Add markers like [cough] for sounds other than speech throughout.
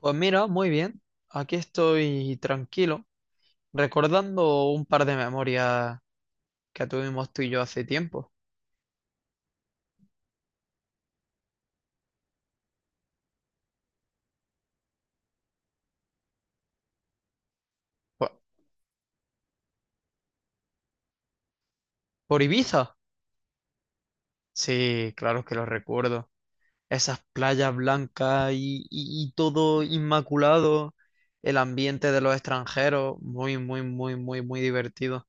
Pues mira, muy bien. Aquí estoy tranquilo, recordando un par de memorias que tuvimos tú y yo hace tiempo. ¿Por, por Ibiza? Sí, claro que lo recuerdo. Esas playas blancas y todo inmaculado, el ambiente de los extranjeros, muy, muy, muy, muy, muy divertido.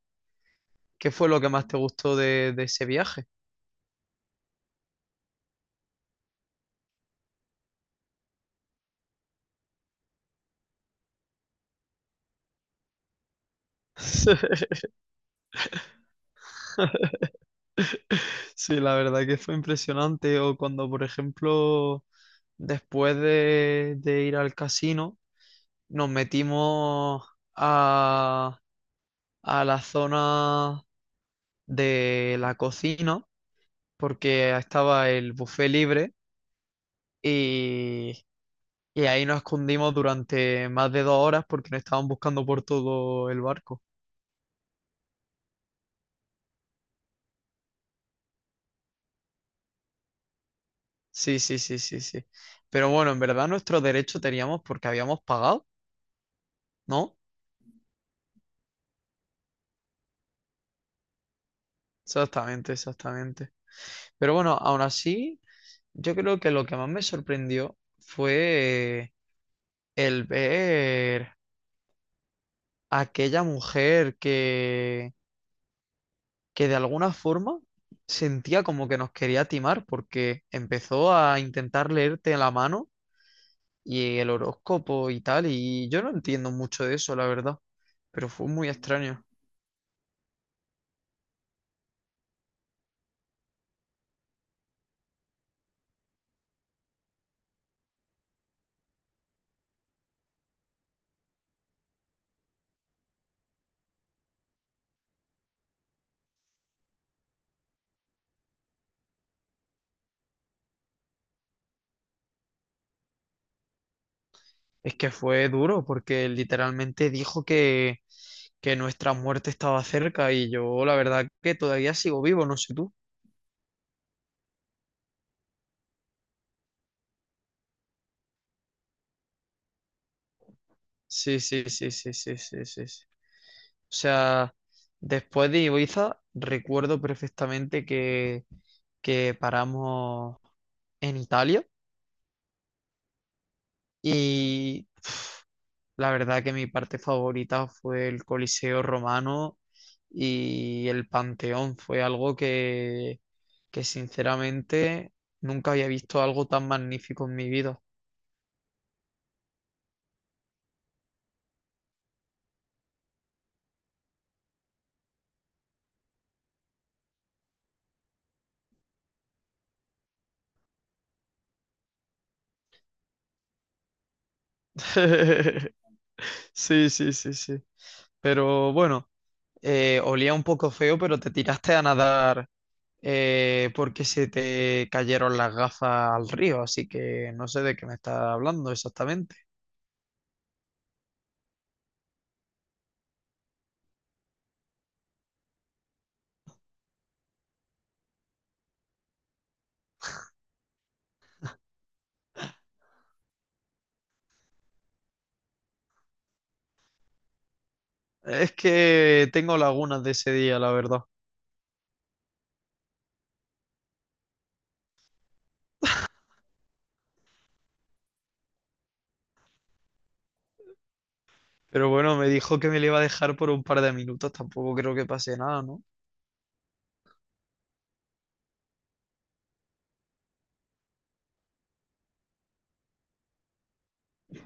¿Qué fue lo que más te gustó de ese viaje? [laughs] Sí, la verdad que fue impresionante. O cuando, por ejemplo, después de ir al casino, nos metimos a, a la zona de la cocina, porque estaba el buffet libre, y, y ahí nos escondimos durante más de 2 horas porque nos estaban buscando por todo el barco. Sí, sí, sí, sí, sí. Pero bueno, en verdad nuestro derecho teníamos porque habíamos pagado, ¿no? Exactamente, exactamente. Pero bueno, aún así, yo creo que lo que más me sorprendió fue el ver a aquella mujer que de alguna forma sentía como que nos quería timar porque empezó a intentar leerte la mano y el horóscopo y tal, y yo no entiendo mucho de eso, la verdad, pero fue muy extraño. Es que fue duro porque literalmente dijo que nuestra muerte estaba cerca y yo la verdad que todavía sigo vivo, no sé tú. Sí, sí, sí, sí, sí, sí, sí, sí. O sea, después de Ibiza, recuerdo perfectamente que paramos en Italia y pf, la verdad que mi parte favorita fue el Coliseo Romano y el Panteón. Fue algo que sinceramente nunca había visto algo tan magnífico en mi vida. [laughs] Sí, sí, sí, sí. Pero bueno. Olía un poco feo, pero te tiraste a nadar porque se te cayeron las gafas al río, así que no sé de qué me estás hablando exactamente. Es que tengo lagunas de ese día, la verdad. Pero bueno, me dijo que me le iba a dejar por un par de minutos, tampoco creo que pase nada, ¿no?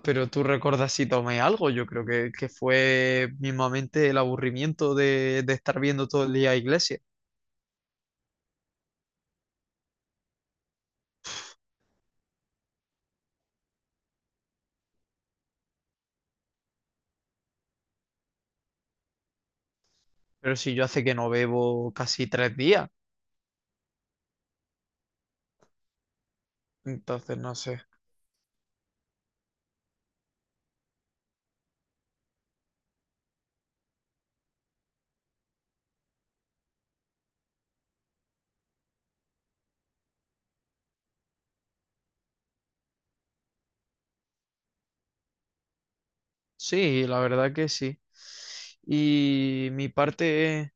Pero tú recuerdas si tomé algo, yo creo que fue mismamente el aburrimiento de estar viendo todo el día iglesia. Pero si yo hace que no bebo casi 3 días, entonces no sé. Sí, la verdad que sí. Y mi parte es,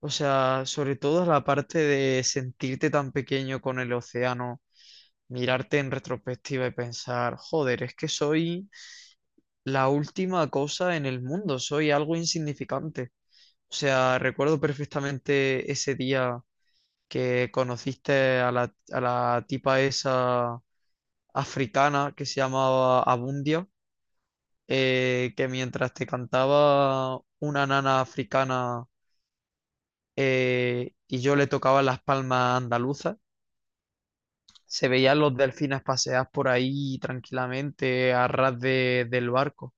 o sea, sobre todo es la parte de sentirte tan pequeño con el océano, mirarte en retrospectiva y pensar, joder, es que soy la última cosa en el mundo, soy algo insignificante. O sea, recuerdo perfectamente ese día que conociste a la tipa esa africana que se llamaba Abundia que mientras te cantaba una nana africana y yo le tocaba las palmas andaluzas, se veían los delfines pasear por ahí tranquilamente a ras de- del barco.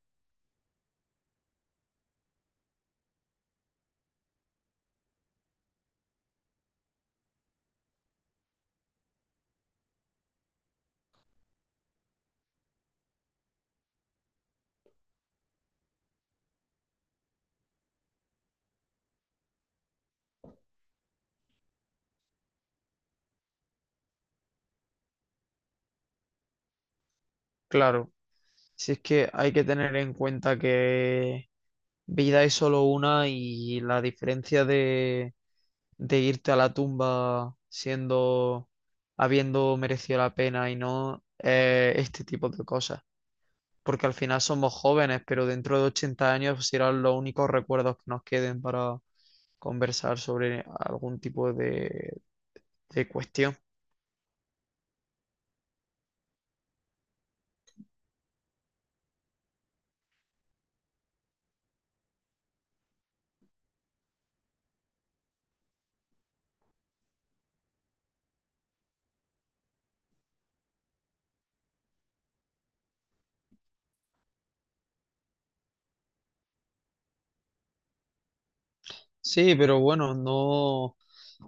Claro, si es que hay que tener en cuenta que vida es solo una y la diferencia de irte a la tumba siendo, habiendo merecido la pena y no, este tipo de cosas. Porque al final somos jóvenes, pero dentro de 80 años pues, serán los únicos recuerdos que nos queden para conversar sobre algún tipo de cuestión. Sí, pero bueno, no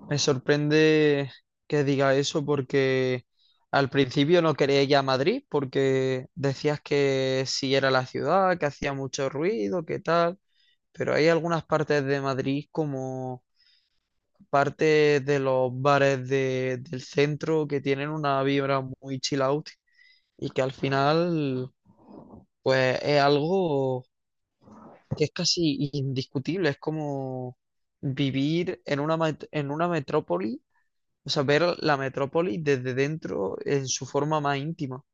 me sorprende que diga eso porque al principio no quería ir a Madrid porque decías que sí era la ciudad, que hacía mucho ruido, que tal, pero hay algunas partes de Madrid como parte de los bares de- del centro que tienen una vibra muy chill out y que al final pues es algo que es casi indiscutible, es como vivir en una, met- en una metrópoli, o sea, ver la metrópoli desde dentro en su forma más íntima.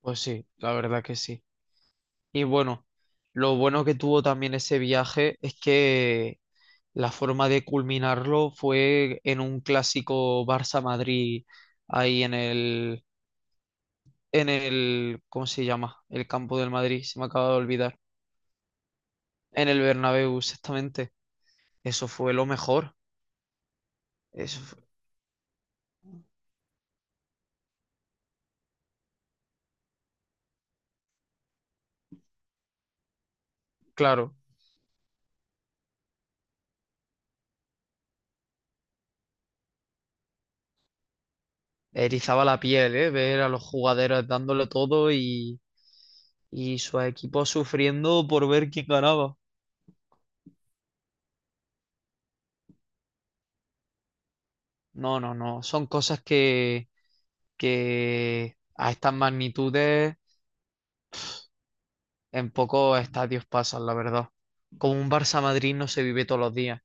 Pues sí, la verdad que sí. Y bueno, lo bueno que tuvo también ese viaje es que la forma de culminarlo fue en un clásico Barça-Madrid, ahí en el, ¿cómo se llama? El campo del Madrid, se me acaba de olvidar. En el Bernabéu, exactamente. Eso fue lo mejor. Eso fue- claro, erizaba la piel, ¿eh? Ver a los jugadores dándole todo y su equipo sufriendo por ver quién ganaba. No, no, no. Son cosas que a estas magnitudes en pocos estadios pasan, la verdad. Como un Barça-Madrid no se vive todos los días.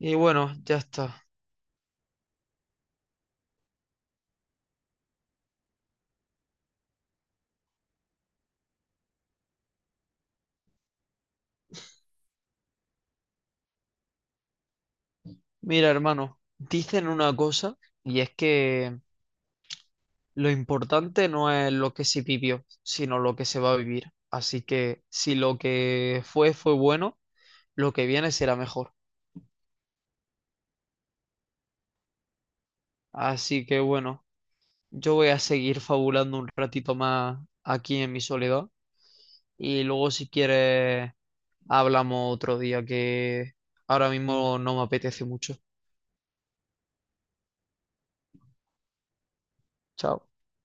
Y bueno, ya está. Mira, hermano, dicen una cosa y es que lo importante no es lo que se vivió, sino lo que se va a vivir. Así que si lo que fue fue bueno, lo que viene será mejor. Así que bueno, yo voy a seguir fabulando un ratito más aquí en mi soledad y luego si quieres hablamos otro día que ahora mismo no me apetece mucho. Chao.